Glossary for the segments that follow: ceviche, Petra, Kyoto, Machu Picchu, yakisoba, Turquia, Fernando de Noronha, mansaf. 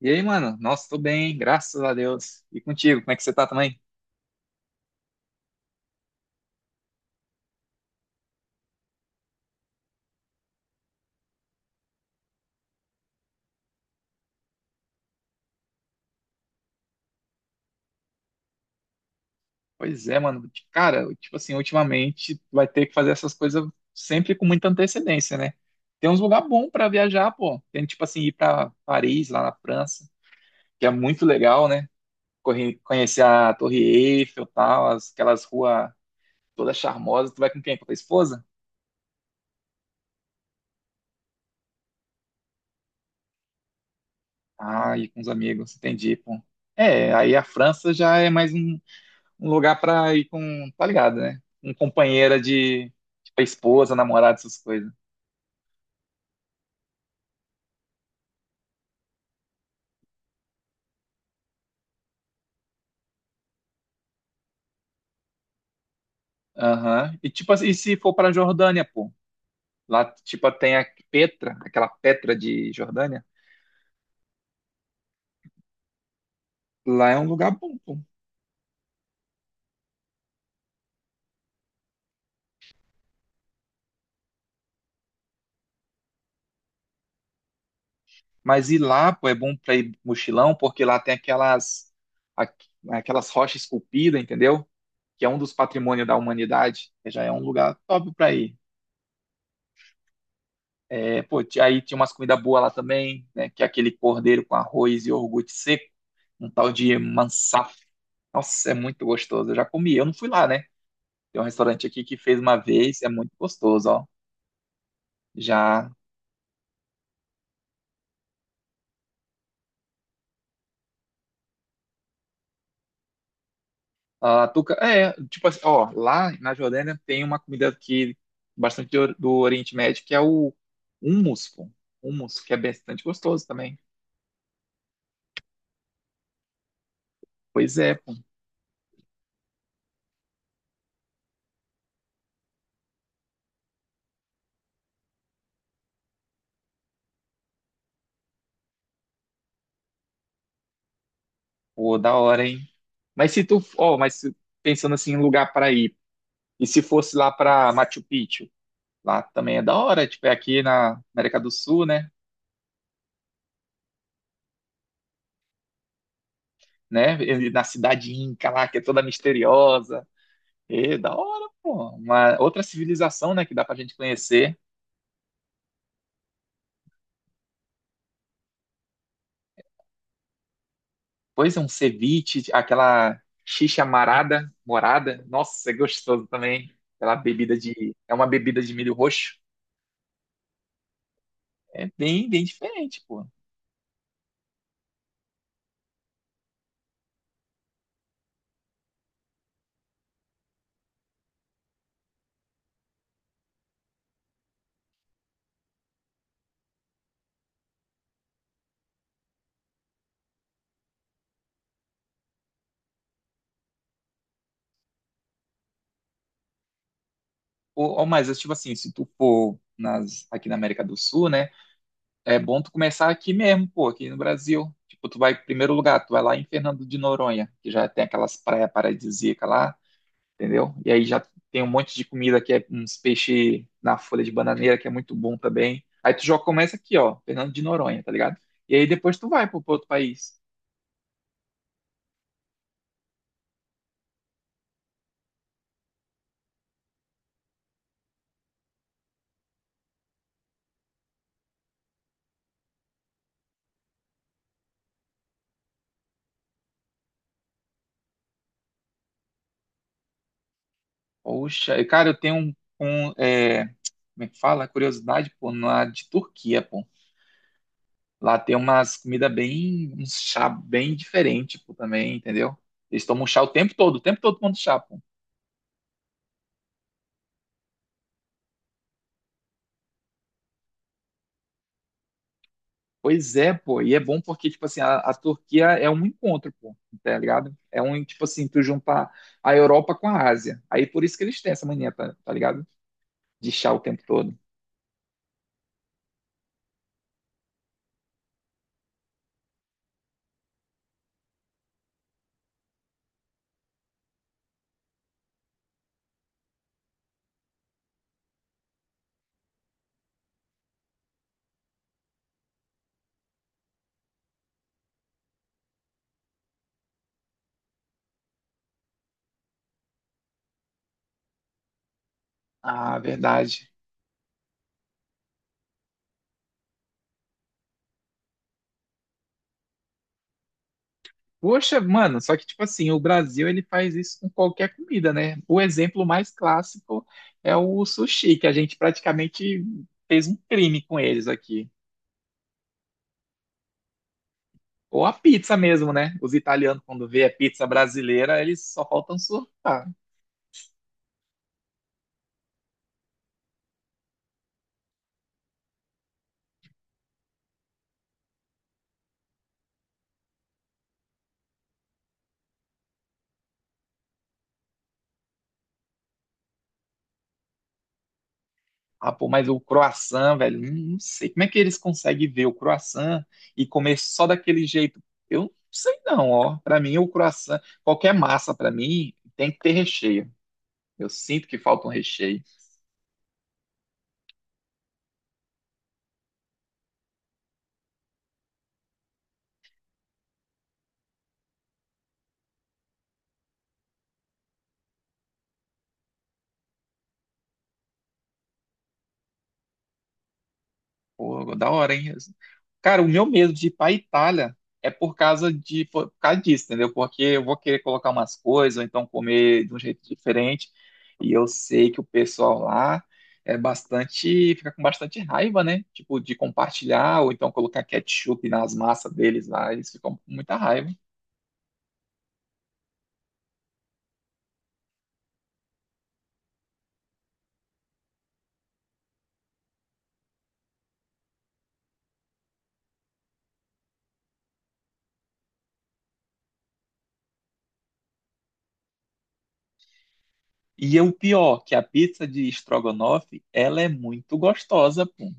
E aí, mano? Nossa, tô bem, graças a Deus. E contigo, como é que você tá também? Pois é, mano. Cara, tipo assim, ultimamente vai ter que fazer essas coisas sempre com muita antecedência, né? Tem uns lugar bom pra viajar, pô. Tem tipo assim ir pra Paris, lá na França, que é muito legal, né? Conhecer a Torre Eiffel, tal, aquelas ruas todas charmosas. Tu vai com quem? Com a tua esposa? Ah, e com os amigos, entendi, pô. É, aí a França já é mais um lugar pra ir com, tá ligado, né? Um companheira de, tipo, esposa, namorada, essas coisas. Aham. E tipo, assim, e se for pra Jordânia, pô? Lá, tipo, tem a Petra, aquela Petra de Jordânia. Lá é um lugar bom, pô. Mas ir lá, pô, é bom pra ir mochilão, porque lá tem aquelas, aqu- aquelas rochas esculpidas, entendeu? Que é um dos patrimônios da humanidade. Já é um lugar top pra ir. É, pô, aí tinha umas comidas boas lá também, né? Que é aquele cordeiro com arroz e iogurte seco, um tal de mansaf. Nossa, é muito gostoso. Eu já comi, eu não fui lá, né? Tem um restaurante aqui que fez uma vez, é muito gostoso, ó. Já. A Tuca, é, tipo assim, ó, lá na Jordânia tem uma comida que bastante do Oriente Médio, que é o hummus, pô. Hummus, que é bastante gostoso também. Pois é, pô. Pô, da hora, hein? Mas se tu, ó, pensando assim em lugar para ir, e se fosse lá para Machu Picchu? Lá também é da hora, tipo, é aqui na América do Sul, né? Né? E na cidade Inca lá, que é toda misteriosa. É da hora, pô. Uma outra civilização, né, que dá pra gente conhecer. Pois é, um ceviche, aquela xixa marada, morada. Nossa, é gostoso também. Aquela bebida de... É uma bebida de milho roxo. É bem, bem diferente, pô. Ou mais, tipo assim, se tu for nas, aqui na América do Sul, né? É bom tu começar aqui mesmo, pô, aqui no Brasil. Tipo, tu vai, primeiro lugar, tu vai lá em Fernando de Noronha, que já tem aquelas praias paradisíacas lá, entendeu? E aí já tem um monte de comida que é uns peixes na folha de bananeira, que é muito bom também. Aí tu já começa aqui, ó, Fernando de Noronha, tá ligado? E aí depois tu vai pro, outro país. Poxa, e, cara, eu tenho um, um, é, como é que fala? Curiosidade, pô, na de Turquia, pô. Lá tem umas comidas bem, um chá bem diferente, pô, também, entendeu? Eles tomam chá o tempo todo tomando chá, pô. Pois é, pô, e é bom porque, tipo assim, a Turquia é um encontro, pô, tá ligado? É um, tipo assim, tu juntar a Europa com a Ásia. Aí por isso que eles têm essa mania, tá ligado? De chá o tempo todo. Ah, verdade. Poxa, mano, só que, tipo assim, o Brasil, ele faz isso com qualquer comida, né? O exemplo mais clássico é o sushi, que a gente praticamente fez um crime com eles aqui. Ou a pizza mesmo, né? Os italianos, quando vê a pizza brasileira, eles só faltam surtar. Ah, pô, mas o croissant, velho, não sei. Como é que eles conseguem ver o croissant e comer só daquele jeito? Eu não sei não, ó. Pra mim, o croissant, qualquer massa, pra mim, tem que ter recheio. Eu sinto que falta um recheio. Pô, da hora, hein? Cara, o meu medo de ir pra Itália é por causa de, por causa disso, entendeu? Porque eu vou querer colocar umas coisas, ou então comer de um jeito diferente. E eu sei que o pessoal lá é bastante, fica com bastante raiva, né? Tipo, de compartilhar, ou então colocar ketchup nas massas deles lá, eles ficam com muita raiva. E é o pior, que a pizza de estrogonofe, ela é muito gostosa, pô.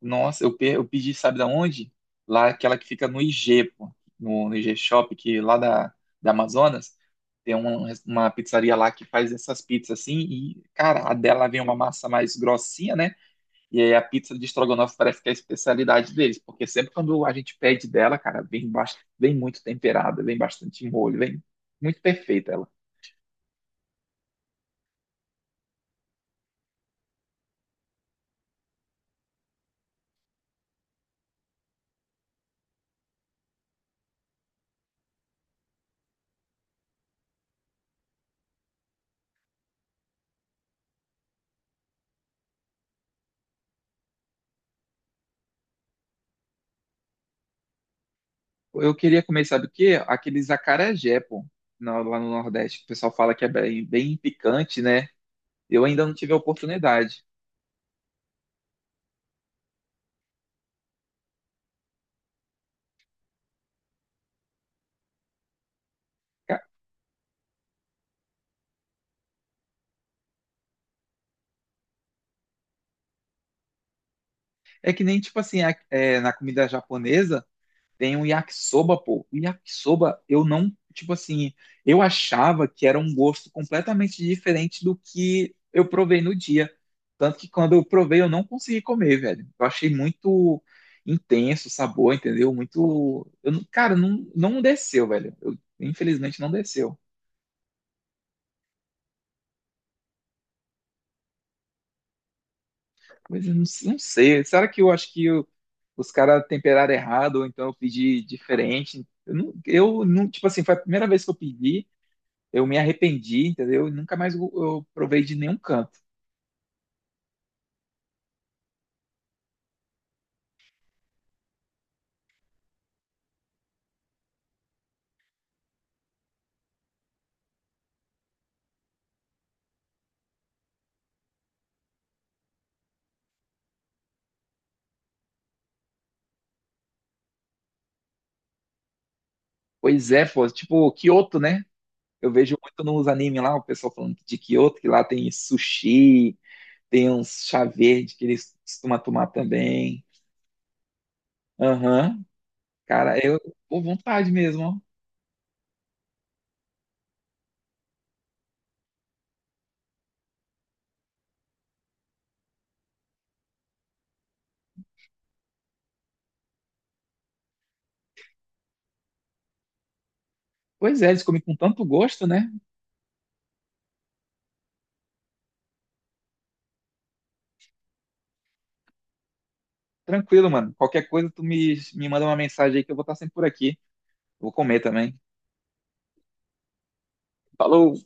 Nossa, eu pedi, sabe da onde? Lá, aquela que fica no IG, pô, no IG Shop, que lá da Amazonas, tem uma pizzaria lá que faz essas pizzas assim, e, cara, a dela vem uma massa mais grossinha, né? E aí a pizza de estrogonofe parece que é a especialidade deles, porque sempre quando a gente pede dela, cara, vem, vem muito temperada, vem bastante molho, vem muito perfeita ela. Eu queria comer, sabe o quê? Aqueles acarajé, pô, lá no Nordeste, que o pessoal fala que é bem, bem picante, né? Eu ainda não tive a oportunidade. Ca- É que nem, tipo assim, na comida japonesa tem um yakisoba, pô. O yakisoba, eu não, tipo assim, eu achava que era um gosto completamente diferente do que eu provei no dia. Tanto que quando eu provei, eu não consegui comer, velho. Eu achei muito intenso o sabor, entendeu? Muito. Eu, não- cara, não, não desceu, velho. Eu, infelizmente não desceu. Mas eu não, não sei. Será que eu acho os caras temperaram errado, ou então eu pedi diferente? Eu não tipo assim, foi a primeira vez que eu pedi, eu me arrependi, entendeu? E nunca mais eu provei de nenhum canto. Pois é, pô, tipo Kyoto, né? Eu vejo muito nos animes lá, o pessoal falando de Kyoto, que lá tem sushi, tem uns chá verde que eles costumam tomar também. Aham. Cara, eu, pô, vontade mesmo, ó. Pois é, eles comem com tanto gosto, né? Tranquilo, mano. Qualquer coisa, me manda uma mensagem aí que eu vou estar sempre por aqui. Vou comer também. Falou!